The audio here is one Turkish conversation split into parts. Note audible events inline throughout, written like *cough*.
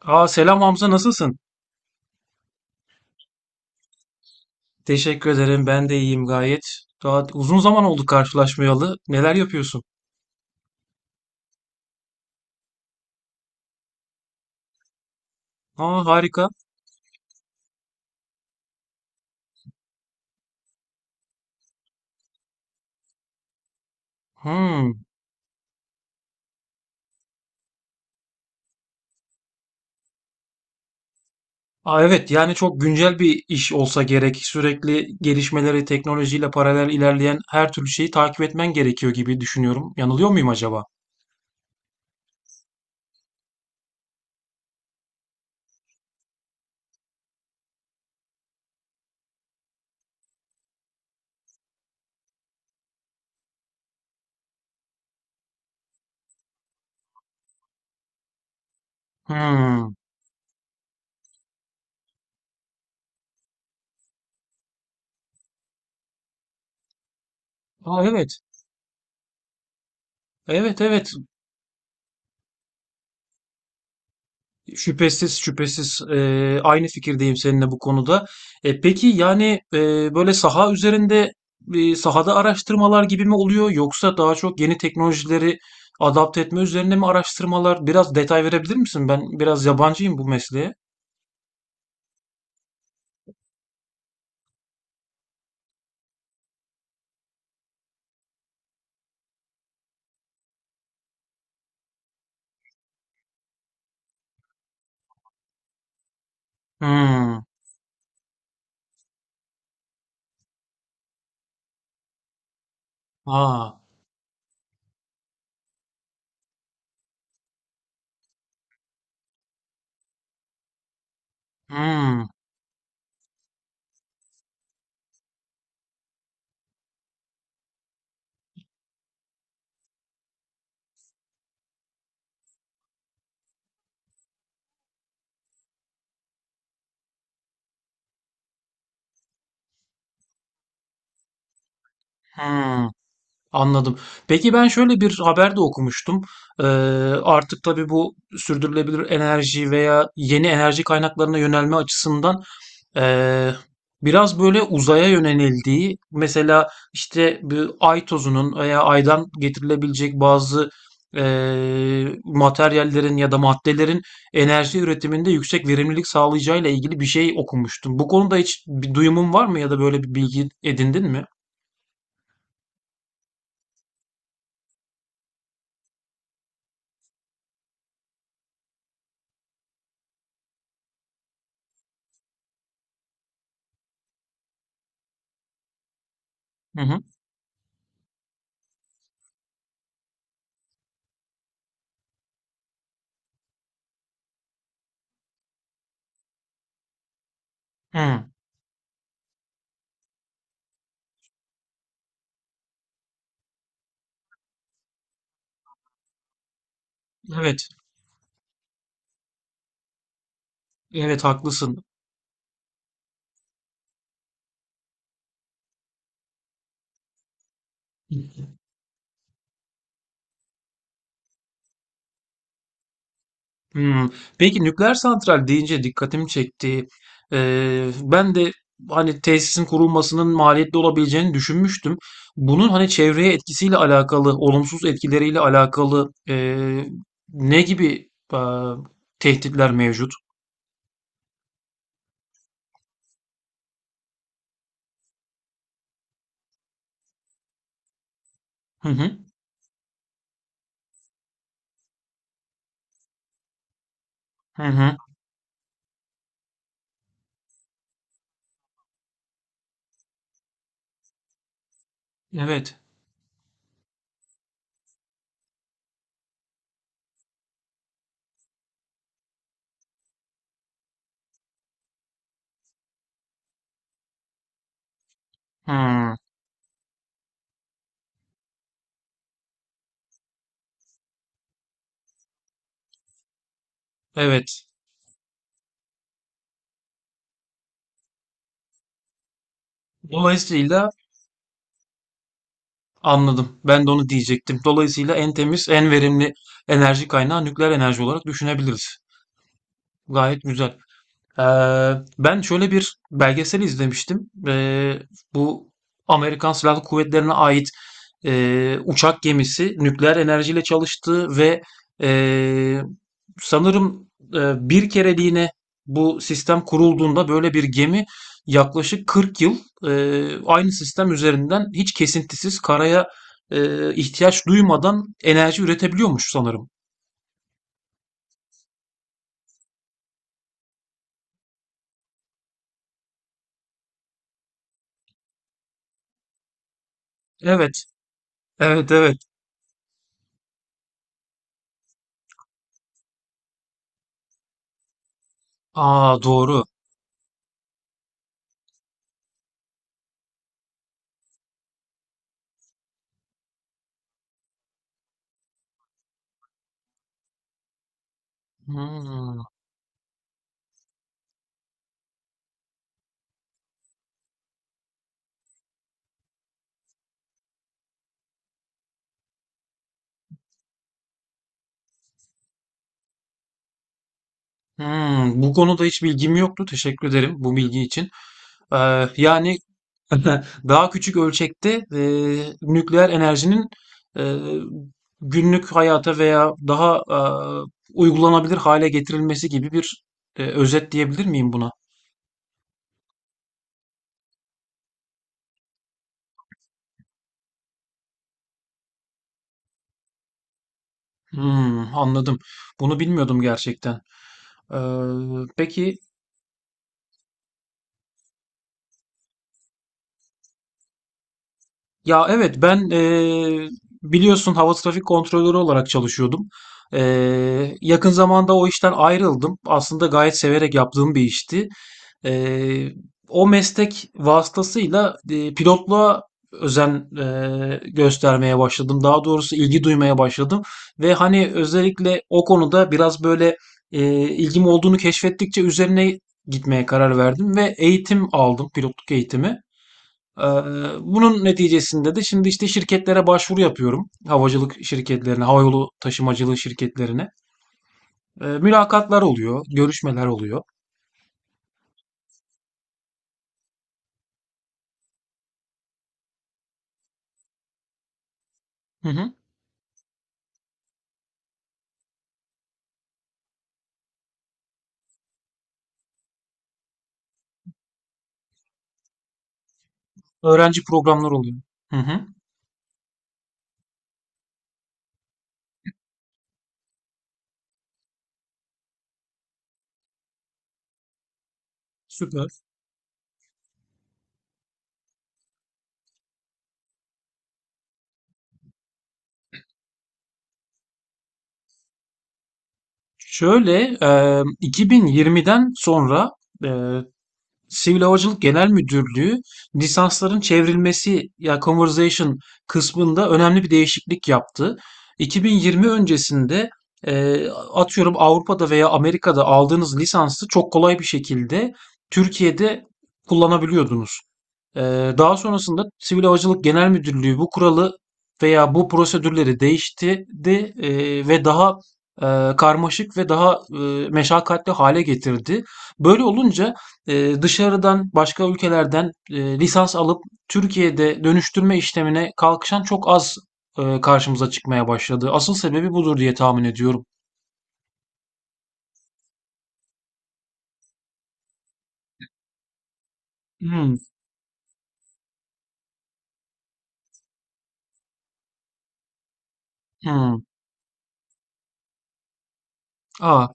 Aa, selam Hamza, nasılsın? Teşekkür ederim, ben de iyiyim gayet. Daha uzun zaman oldu karşılaşmayalı. Neler yapıyorsun? Aa, harika. Hmm. Aa, evet, yani çok güncel bir iş olsa gerek. Sürekli gelişmeleri, teknolojiyle paralel ilerleyen her türlü şeyi takip etmen gerekiyor gibi düşünüyorum. Yanılıyor muyum acaba? Hmm. Aa, evet. Evet evet, şüphesiz şüphesiz, aynı fikirdeyim seninle bu konuda. Peki, yani böyle sahada araştırmalar gibi mi oluyor, yoksa daha çok yeni teknolojileri adapte etme üzerine mi araştırmalar? Biraz detay verebilir misin? Ben biraz yabancıyım bu mesleğe. Hmm. Aa. Hmm, hmm, anladım. Peki, ben şöyle bir haber de okumuştum. Ee, Artık tabii bu sürdürülebilir enerji veya yeni enerji kaynaklarına yönelme açısından ee, biraz böyle uzaya yönelildiği, mesela işte bir ay tozunun veya aydan getirilebilecek bazı materyallerin ya da maddelerin enerji üretiminde yüksek verimlilik sağlayacağıyla ilgili bir şey okumuştum. Bu konuda hiç bir duyumun var mı, ya da böyle bir bilgi edindin mi? Hı hı. Hı. Evet. Evet, haklısın. Hmm. Peki, nükleer santral deyince dikkatimi çekti. Ben de hani tesisin kurulmasının maliyetli olabileceğini düşünmüştüm. Bunun hani çevreye etkisiyle alakalı, olumsuz etkileriyle alakalı ne gibi tehditler mevcut? Hı hı. Hı hı. Evet. Hmm. Evet. Dolayısıyla Anladım. Ben de onu diyecektim. Dolayısıyla en temiz, en verimli enerji kaynağı nükleer enerji olarak düşünebiliriz. Gayet güzel. Ee, Ben şöyle bir belgesel izlemiştim. Bu Amerikan Silahlı Kuvvetleri'ne ait uçak gemisi nükleer enerjiyle çalıştı ve eee, sanırım bir kereliğine bu sistem kurulduğunda böyle bir gemi yaklaşık 40 yıl aynı sistem üzerinden hiç kesintisiz karaya ihtiyaç duymadan enerji üretebiliyormuş sanırım. Evet, evet, evet. Aa, doğru. Hmm, hmm. Bu konuda hiç bilgim yoktu. Teşekkür ederim bu bilgi için. Yani *laughs* daha küçük ölçekte nükleer enerjinin e, günlük hayata veya daha uygulanabilir hale getirilmesi gibi bir özet diyebilir miyim buna? Hmm, anladım. Bunu bilmiyordum gerçekten. Ee, peki. Ya, evet, ben biliyorsun, hava trafik kontrolörü olarak çalışıyordum. Yakın zamanda o işten ayrıldım. Aslında gayet severek yaptığım bir işti. Eee, O meslek vasıtasıyla pilotluğa göstermeye başladım. Daha doğrusu ilgi duymaya başladım ve hani özellikle o konuda biraz böyle, ilgim olduğunu keşfettikçe üzerine gitmeye karar verdim ve eğitim aldım, pilotluk eğitimi. Eee, Bunun neticesinde de şimdi işte şirketlere başvuru yapıyorum. Havacılık şirketlerine, havayolu taşımacılığı şirketlerine. Mülakatlar oluyor, görüşmeler oluyor. Hı hı. Öğrenci programları oluyor. Hı hı. Süper. Şöyle, 2020'den sonra e, Sivil Havacılık Genel Müdürlüğü lisansların çevrilmesi ya conversation kısmında önemli bir değişiklik yaptı. 2020 öncesinde e, atıyorum Avrupa'da veya Amerika'da aldığınız lisansı çok kolay bir şekilde Türkiye'de kullanabiliyordunuz. Daha sonrasında Sivil Havacılık Genel Müdürlüğü bu kuralı veya bu prosedürleri değiştirdi ve daha karmaşık ve daha meşakkatli hale getirdi. Böyle olunca dışarıdan başka ülkelerden lisans alıp Türkiye'de dönüştürme işlemine kalkışan çok az karşımıza çıkmaya başladı. Asıl sebebi budur diye tahmin ediyorum. Hmm, hmm. Aa,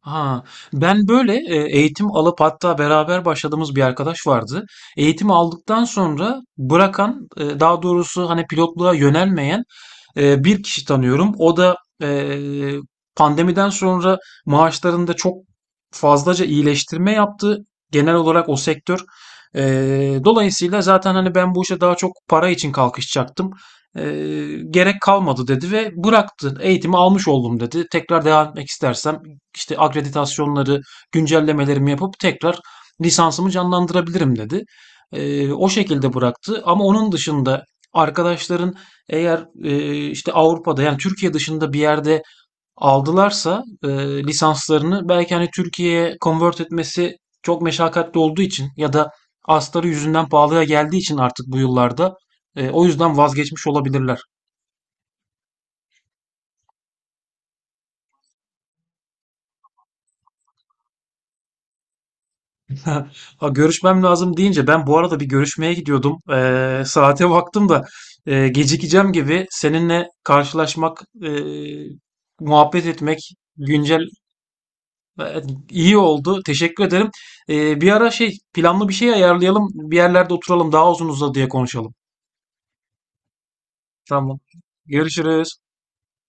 ha, ben böyle eğitim alıp hatta beraber başladığımız bir arkadaş vardı. Eğitim aldıktan sonra bırakan, daha doğrusu hani pilotluğa yönelmeyen bir kişi tanıyorum. O da pandemiden sonra maaşlarında çok fazlaca iyileştirme yaptı. Genel olarak o sektör. Dolayısıyla zaten hani ben bu işe daha çok para için kalkışacaktım. Gerek kalmadı dedi ve bıraktı. Eğitimi almış oldum dedi. Tekrar devam etmek istersem işte akreditasyonları, güncellemelerimi yapıp tekrar lisansımı canlandırabilirim dedi. O şekilde bıraktı. Ama onun dışında arkadaşların eğer işte Avrupa'da, yani Türkiye dışında bir yerde aldılarsa, lisanslarını belki, hani, Türkiye'ye convert etmesi çok meşakkatli olduğu için ya da astarı yüzünden pahalıya geldiği için artık bu yıllarda, o yüzden vazgeçmiş olabilirler. *laughs* Ha, görüşmem lazım deyince, ben bu arada bir görüşmeye gidiyordum. Saate baktım da gecikeceğim gibi. Seninle karşılaşmak, muhabbet etmek, güncel Evet, iyi oldu. Teşekkür ederim. Bir ara şey planlı bir şey ayarlayalım. Bir yerlerde oturalım. Daha uzun uzadıya konuşalım. Tamam. Görüşürüz.